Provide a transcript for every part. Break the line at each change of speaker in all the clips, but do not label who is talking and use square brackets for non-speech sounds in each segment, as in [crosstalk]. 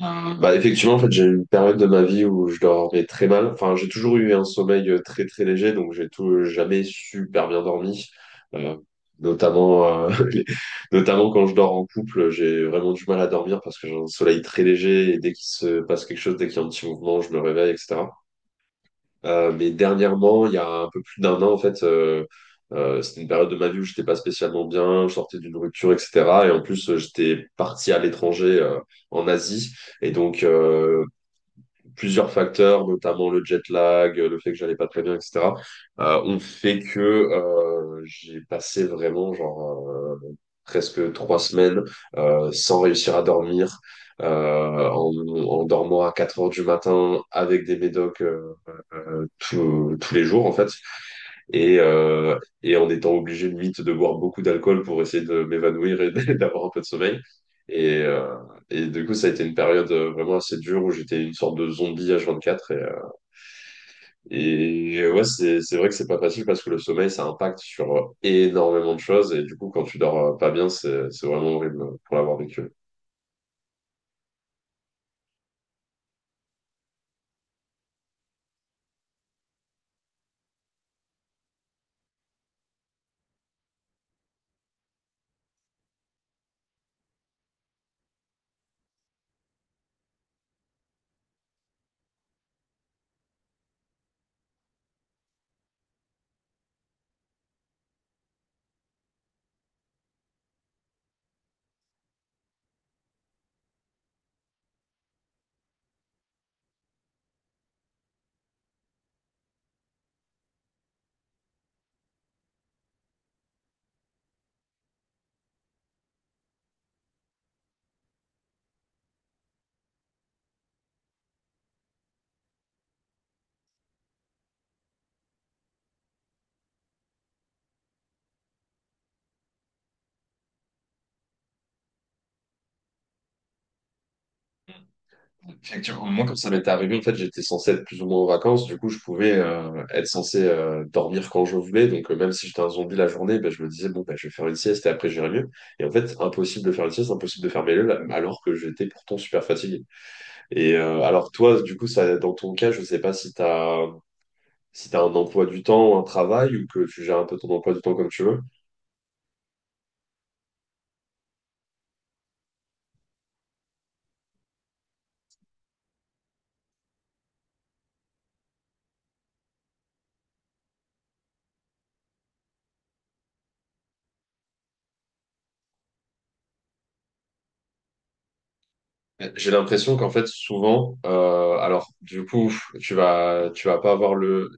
Enfin, bah effectivement, en fait, j'ai eu une période de ma vie où je dormais très mal. Enfin, j'ai toujours eu un sommeil très très léger, donc j'ai tout jamais super bien dormi. Euh, notamment, euh, [laughs] les- notamment quand je dors en couple, j'ai vraiment du mal à dormir parce que j'ai un sommeil très léger et dès qu'il se passe quelque chose, dès qu'il y a un petit mouvement, je me réveille, etc. Mais dernièrement, il y a un peu plus d'un an, en fait, c'était une période de ma vie où j'étais pas spécialement bien, je sortais d'une rupture, etc. Et en plus, j'étais parti à l'étranger, en Asie. Et donc, plusieurs facteurs, notamment le jet lag, le fait que j'allais pas très bien, etc., ont fait que j'ai passé vraiment, genre, presque 3 semaines sans réussir à dormir. euh, en, En dormant à 4 heures du matin avec des médocs tous les jours en fait. Et en étant obligé limite de boire beaucoup d'alcool pour essayer de m'évanouir et [laughs] d'avoir un peu de sommeil. Et, euh, et du coup, ça a été une période vraiment assez dure où j'étais une sorte de zombie H24. Et ouais, c'est vrai que c'est pas facile parce que le sommeil, ça impacte sur énormément de choses. Et du coup, quand tu dors pas bien, c'est vraiment horrible pour l'avoir vécu. Effectivement, moi, quand ça m'était arrivé, en fait, j'étais censé être plus ou moins en vacances. Du coup, je pouvais être censé dormir quand je voulais. Donc, même si j'étais un zombie la journée, ben, je me disais, bon, ben, je vais faire une sieste et après, j'irai mieux. Et en fait, impossible de faire une sieste, impossible de faire mes leux, alors que j'étais pourtant super fatigué. Et alors, toi, du coup, ça, dans ton cas, je sais pas si t'as un emploi du temps, un travail, ou que tu gères un peu ton emploi du temps comme tu veux. J'ai l'impression qu'en fait, souvent, alors, du coup, tu vas pas avoir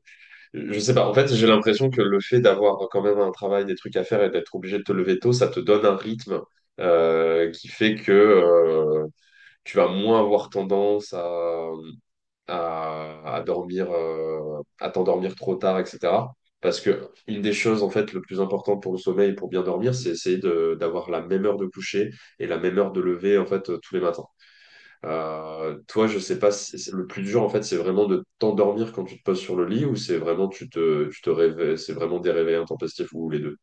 je sais pas. En fait, j'ai l'impression que le fait d'avoir quand même un travail, des trucs à faire et d'être obligé de te lever tôt, ça te donne un rythme qui fait que tu vas moins avoir tendance à dormir, à t'endormir trop tard, etc. Parce que une des choses, en fait, le plus important pour le sommeil, et pour bien dormir, c'est essayer d'avoir la même heure de coucher et la même heure de lever, en fait, tous les matins. Toi, je sais pas, le plus dur en fait, c'est vraiment de t'endormir quand tu te poses sur le lit ou c'est vraiment tu te réveilles, c'est vraiment des réveils intempestifs ou les deux.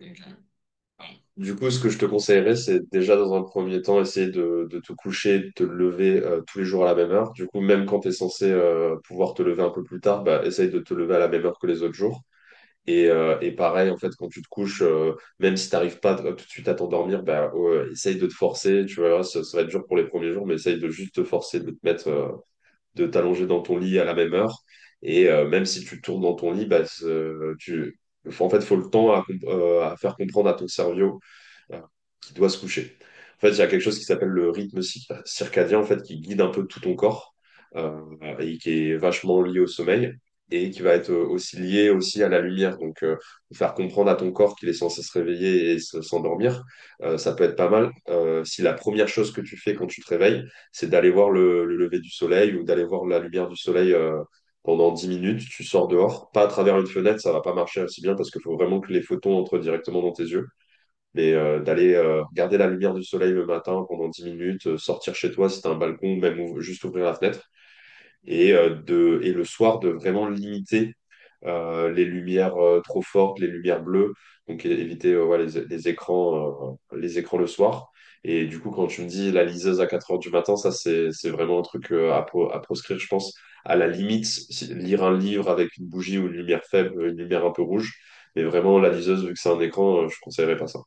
Ok. Du coup, ce que je te conseillerais, c'est déjà dans un premier temps, essayer de te coucher, de te lever tous les jours à la même heure. Du coup, même quand tu es censé pouvoir te lever un peu plus tard, bah, essaye de te lever à la même heure que les autres jours. Et pareil, en fait, quand tu te couches, même si tu n'arrives pas tout de suite à t'endormir, bah, ouais, essaye de te forcer. Tu vois, ça va être dur pour les premiers jours, mais essaye de juste te forcer, de te mettre de t'allonger dans ton lit à la même heure. Et même si tu tournes dans ton lit, bah, tu, en fait, faut le temps à, à faire comprendre à ton cerveau euh, qui doit se coucher. En fait, il y a quelque chose qui s'appelle le rythme circadien, en fait, qui guide un peu tout ton corps euh, et qui est vachement lié au sommeil et qui va être aussi lié aussi à la lumière. Donc, faire comprendre à ton corps qu'il est censé se réveiller et s'endormir, ça peut être pas mal. Si la première chose que tu fais quand tu te réveilles, c'est d'aller voir le lever du soleil ou d'aller voir la lumière du soleil pendant 10 minutes, tu sors dehors, pas à travers une fenêtre, ça va pas marcher aussi bien parce qu'il faut vraiment que les photons entrent directement dans tes yeux. Mais d'aller regarder la lumière du soleil le matin pendant 10 minutes, sortir chez toi si t'as un balcon, même juste ouvrir la fenêtre, et le soir de vraiment limiter les lumières trop fortes, les lumières bleues, donc éviter ouais, les écrans le soir. Et du coup, quand tu me dis la liseuse à 4 heures du matin, ça c'est vraiment un truc à proscrire, je pense. À la limite, lire un livre avec une bougie ou une lumière faible, une lumière un peu rouge, mais vraiment la liseuse, vu que c'est un écran, je conseillerais pas ça.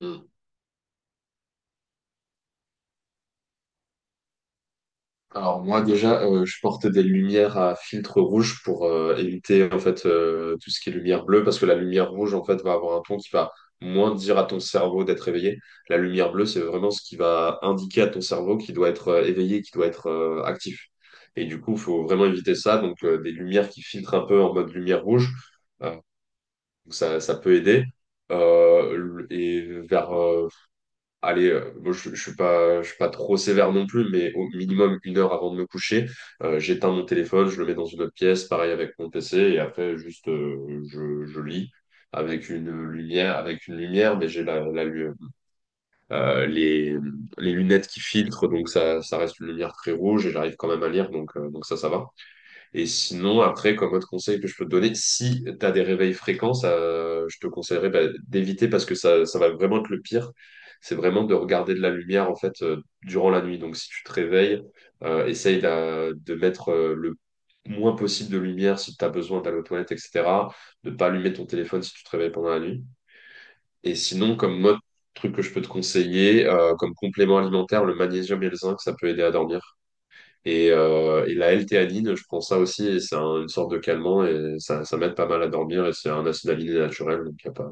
Hmm. Alors moi déjà, je porte des lumières à filtre rouge pour éviter en fait tout ce qui est lumière bleue parce que la lumière rouge en fait va avoir un ton qui va moins dire à ton cerveau d'être éveillé. La lumière bleue, c'est vraiment ce qui va indiquer à ton cerveau qu'il doit être éveillé, qu'il doit être actif. Et du coup, il faut vraiment éviter ça. Donc des lumières qui filtrent un peu en mode lumière rouge, euh, donc ça peut aider. Euh, et vers euh, Moi je suis pas trop sévère non plus, mais au minimum une heure avant de me coucher, j'éteins mon téléphone, je le mets dans une autre pièce, pareil avec mon PC, et après juste je lis avec une lumière, mais j'ai euh, les, les lunettes qui filtrent, donc ça reste une lumière très rouge et j'arrive quand même à lire, donc ça va. Et sinon, après, comme autre conseil que je peux te donner, si tu as des réveils fréquents, ça, je te conseillerais bah, d'éviter parce que ça va vraiment être le pire. C'est vraiment de regarder de la lumière en fait durant la nuit. Donc, si tu te réveilles, essaye de mettre le moins possible de lumière si tu as besoin d'aller aux toilettes, etc. De ne pas allumer ton téléphone si tu te réveilles pendant la nuit. Et sinon, comme autre truc que je peux te conseiller, comme complément alimentaire, le magnésium et le zinc, ça peut aider à dormir. Et la L-théanine, je prends ça aussi, et c'est une sorte de calmant, et ça m'aide pas mal à dormir, et c'est un acide aminé naturel, donc y a pas...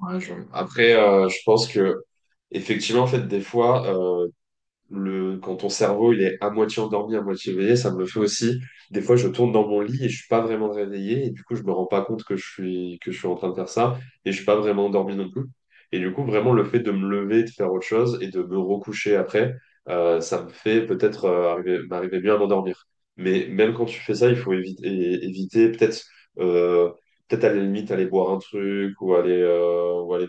Ouais, après, je pense que, effectivement, en fait, des fois, quand ton cerveau il est à moitié endormi, à moitié éveillé, ça me le fait aussi. Des fois, je tourne dans mon lit et je suis pas vraiment réveillé et du coup, je me rends pas compte que je suis en train de faire ça et je suis pas vraiment endormi non plus. Et du coup, vraiment le fait de me lever, de faire autre chose et de me recoucher après, ça me fait peut-être m'arriver bien à m'endormir. Mais même quand tu fais ça, il faut éviter, peut-être euh, à la limite aller boire un truc ou aller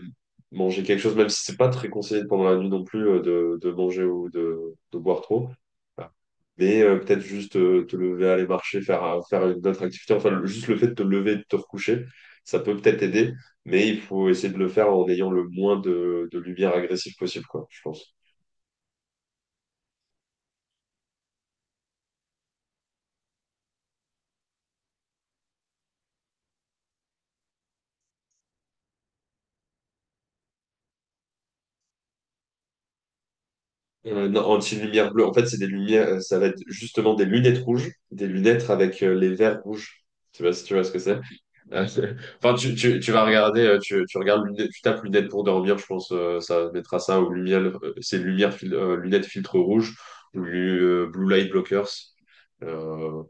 manger quelque chose, même si c'est pas très conseillé pendant la nuit non plus de manger ou de boire trop. Voilà. Mais peut-être juste te lever, aller marcher, faire une autre activité. Enfin, juste le fait de te lever et de te recoucher, ça peut peut-être aider, mais il faut essayer de le faire en ayant le moins de lumière agressive possible, quoi, je pense. Non, anti-lumière bleue, en fait, c'est des lumières, ça va être justement des lunettes rouges, des lunettes avec les verres rouges. Je sais pas si tu vois ce que c'est. [laughs] Ah, c'est- enfin, tu vas regarder, tu regardes lunettes, tu tapes lunettes pour dormir, je pense, ça mettra ça aux lumières, lunettes filtre rouge, ou blue light blockers. Euh,